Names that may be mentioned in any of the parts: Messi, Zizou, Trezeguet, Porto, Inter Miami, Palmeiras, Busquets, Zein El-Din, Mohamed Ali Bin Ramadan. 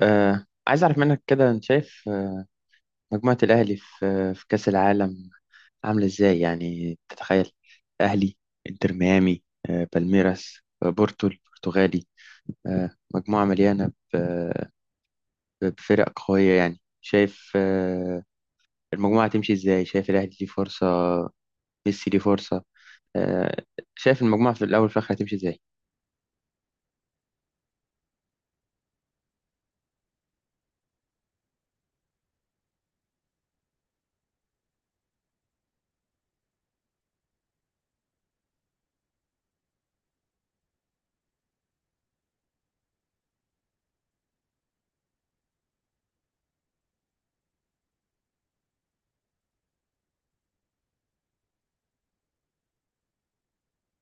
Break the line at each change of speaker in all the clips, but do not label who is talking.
عايز أعرف منك كده، أنت شايف مجموعة الأهلي في كأس العالم عاملة إزاي؟ يعني تتخيل أهلي، إنتر ميامي، بالميراس، بورتو البرتغالي، آه مجموعة مليانة بفرق قوية. يعني شايف المجموعة تمشي إزاي؟ شايف الأهلي ليه فرصة، ميسي ليه فرصة؟ آه شايف المجموعة في الأول في الآخر هتمشي إزاي؟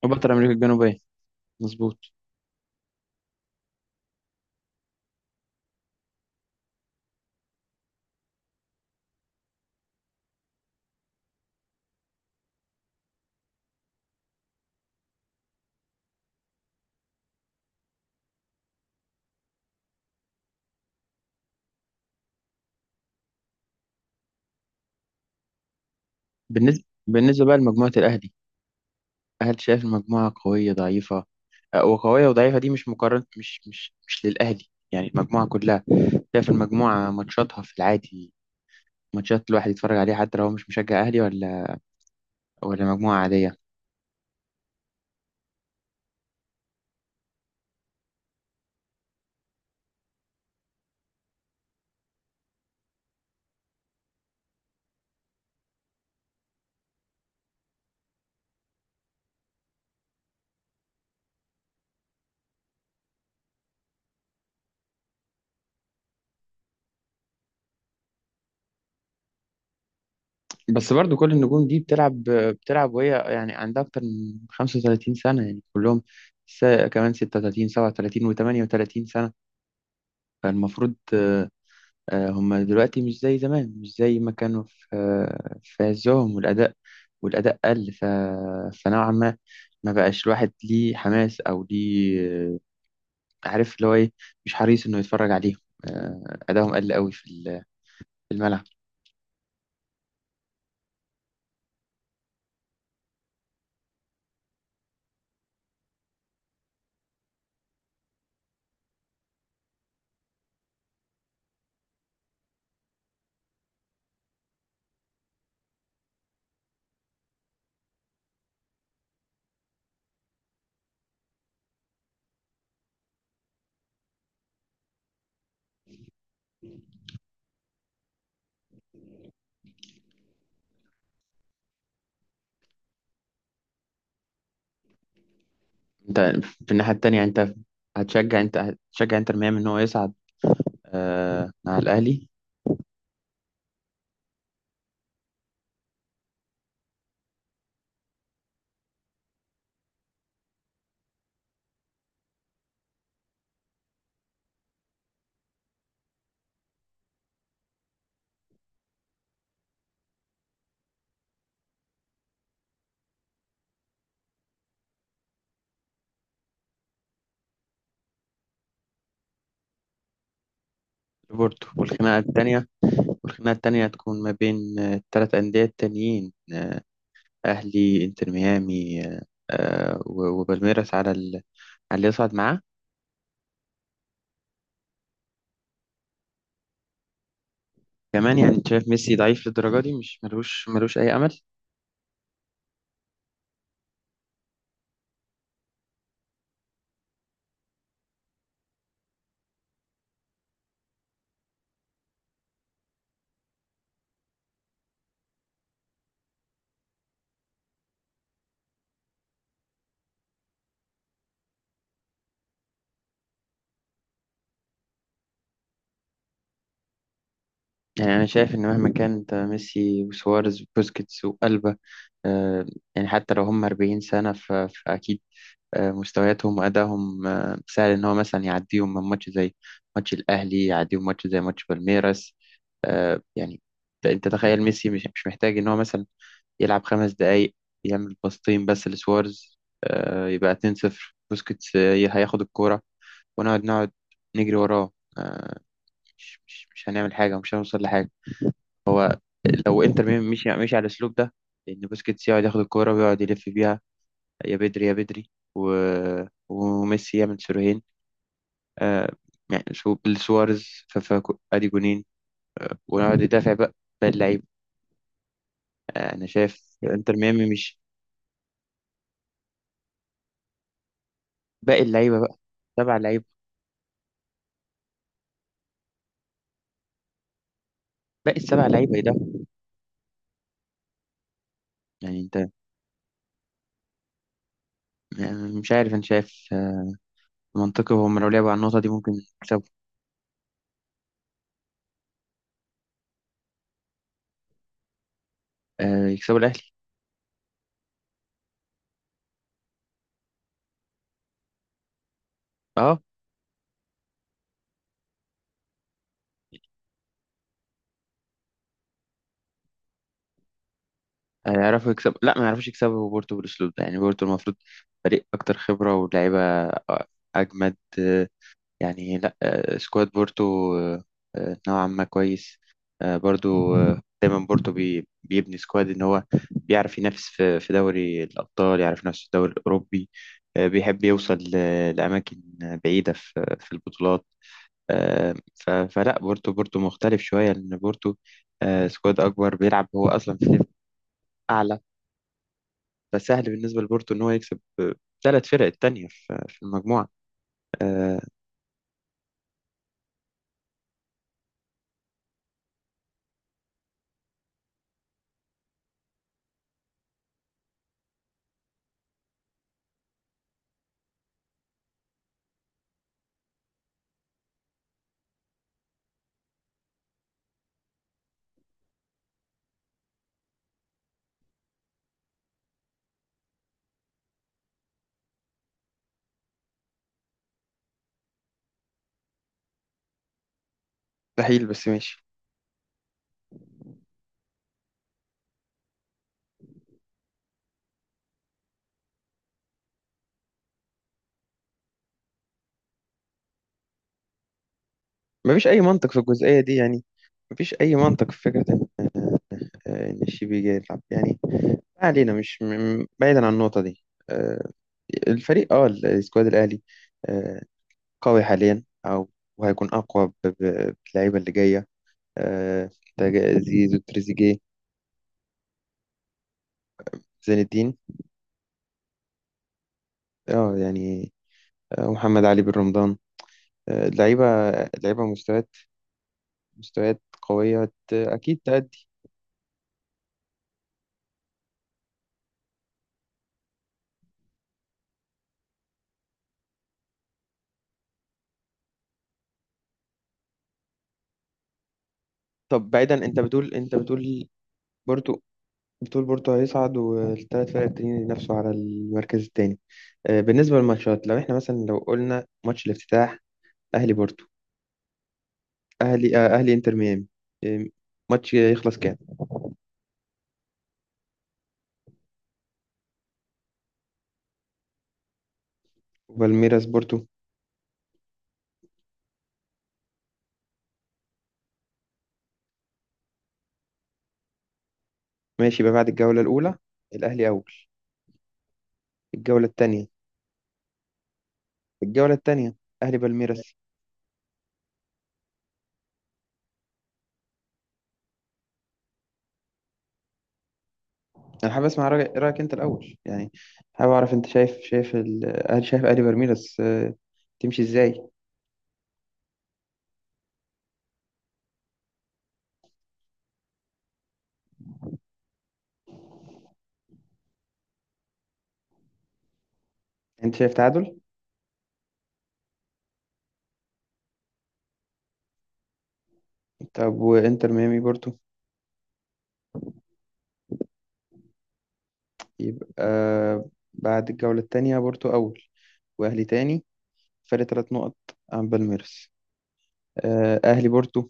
وبطل أمريكا الجنوبية، مظبوط. بالنسبة بقى لمجموعة الأهلي، هل شايف المجموعة قوية ضعيفة؟ وقوية وضعيفة دي مش مقارنة، مش للأهلي، يعني المجموعة كلها. شايف المجموعة ماتشاتها في العادي، ماتشات الواحد يتفرج عليها حتى لو هو مش مشجع أهلي ولا مجموعة عادية. بس برضو كل النجوم دي بتلعب وهي يعني عندها أكتر من 35 سنة، يعني كلهم. س... كمان 36، 37 و38 سنة. فالمفروض هما دلوقتي مش زي زمان، مش زي ما كانوا في عزهم. والأداء، والأداء قل. فنوعا ما، ما بقاش الواحد ليه حماس أو ليه. آه، عارف اللي هو إيه، مش حريص إنه يتفرج عليهم. أدائهم قل قوي في الملعب. أنت في الناحية التانية، أنت هتشجع، إنتر ميامي إن هو يصعد مع الأهلي؟ لبورتو، والخناقة التانية هتكون ما بين التلات أندية التانيين: أهلي، إنتر ميامي آه، و- وبالميراس، على اللي يصعد معاه. كمان يعني أنت شايف ميسي ضعيف للدرجة دي؟ مش ملوش أي أمل؟ يعني أنا شايف إن مهما كان أنت ميسي وسواريز وبوسكيتس وألبا، آه، يعني حتى لو هم 40 سنة، ف- فأكيد مستوياتهم وأدائهم سهل إن هو مثلا يعديهم من ماتش زي ماتش الأهلي، يعديهم ماتش زي ماتش بالميراس. يعني أنت تخيل، ميسي مش محتاج إن هو مثلا يلعب خمس دقايق، يعمل باصتين بس لسوارز، يبقى 2-0. بوسكيتس هياخد الكورة، ونقعد نجري وراه. آه، مش هنعمل حاجة، ومش هنوصل لحاجة. هو لو انتر ميامي مشي على الأسلوب ده، إن بوسكيتس يقعد ياخد الكورة ويقعد يلف بيها، يا بدري يا بدري، و... وميسي يعمل سيروهين، آه، يعني لسوارز، ادي جونين، ونقعد ندافع بقى، باقي اللعيبة. أنا شايف انتر ميامي مش، باقي اللعيبة بقى، سبع لعيبة، باقي السبع لعيبة. يعني انت مش عارف، انت شايف منطقي هم لو لعبوا على النقطة دي ممكن يكسبوا؟ يكسبوا الأهلي؟ اه، هيعرفوا يكسبوا؟ لا، ما يعرفوش يكسبوا بورتو بالأسلوب ده. يعني بورتو المفروض فريق أكتر خبرة ولاعيبة، آه، أجمد. يعني لا، سكواد بورتو نوعا ما كويس. برضو دايما بورتو بيبني سكواد إن هو بيعرف ينافس في دوري الأبطال، يعرف ينافس في الدوري الأوروبي. بيحب يوصل لأماكن بعيدة في البطولات. فلا، بورتو مختلف شوية، لأن بورتو سكواد أكبر، بيلعب هو أصلا في ليفل أعلى. فسهل بالنسبة لبورتو إن هو يكسب ثلاث فرق التانية في المجموعة. مستحيل، بس ماشي. مفيش أي منطق في الجزئية دي، يعني مفيش أي منطق في فكرة إن الشيبي جاي يلعب يعني. ما علينا، مش بعيدا عن النقطة دي. آه، الفريق، السكواد الأهلي آه، قوي حاليا، وهيكون أقوى باللعيبة اللي جاية. آه، زيزو، تريزيجيه، زين الدين، اه يعني، محمد علي بن رمضان. لعيبة، لعيبة مستويات، مستويات قوية، أكيد تأدي. طب بعيدا، أنت بتقول أنت بتقول بورتو بتقول بورتو هيصعد، والثلاث فرق التانيين ينافسوا على المركز التاني. بالنسبة للماتشات، لو احنا مثلا لو قلنا ماتش الافتتاح أهلي بورتو، أهلي إنتر ميامي، آه، ماتش يخلص كام؟ بالميراس بورتو، ماشي. يبقى بعد الجولة الأولى الأهلي أول. الجولة التانية، الجولة التانية أهلي بالميراس. انا حابب اسمع رأيك انت الاول يعني. حابب اعرف، انت هل شايف الي بالميراس تمشي ازاي؟ انت شايف تعادل؟ طب وانتر ميامي بورتو؟ يبقى بعد الجوله الثانيه بورتو اول، واهلي تاني، فرق ثلاث نقط عن بالميراس. اهلي بورتو،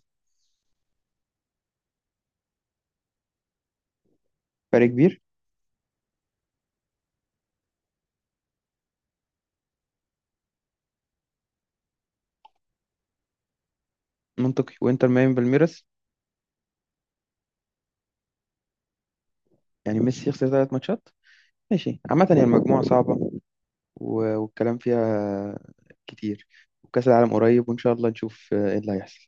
فرق كبير، منطقي. وانتر ميامي بالميراس؟ يعني ميسي يخسر ثلاث ماتشات. ماشي، عامه هي المجموعه صعبه، و- والكلام فيها كتير. وكأس العالم قريب، وإن شاء الله نشوف إيه اللي هيحصل.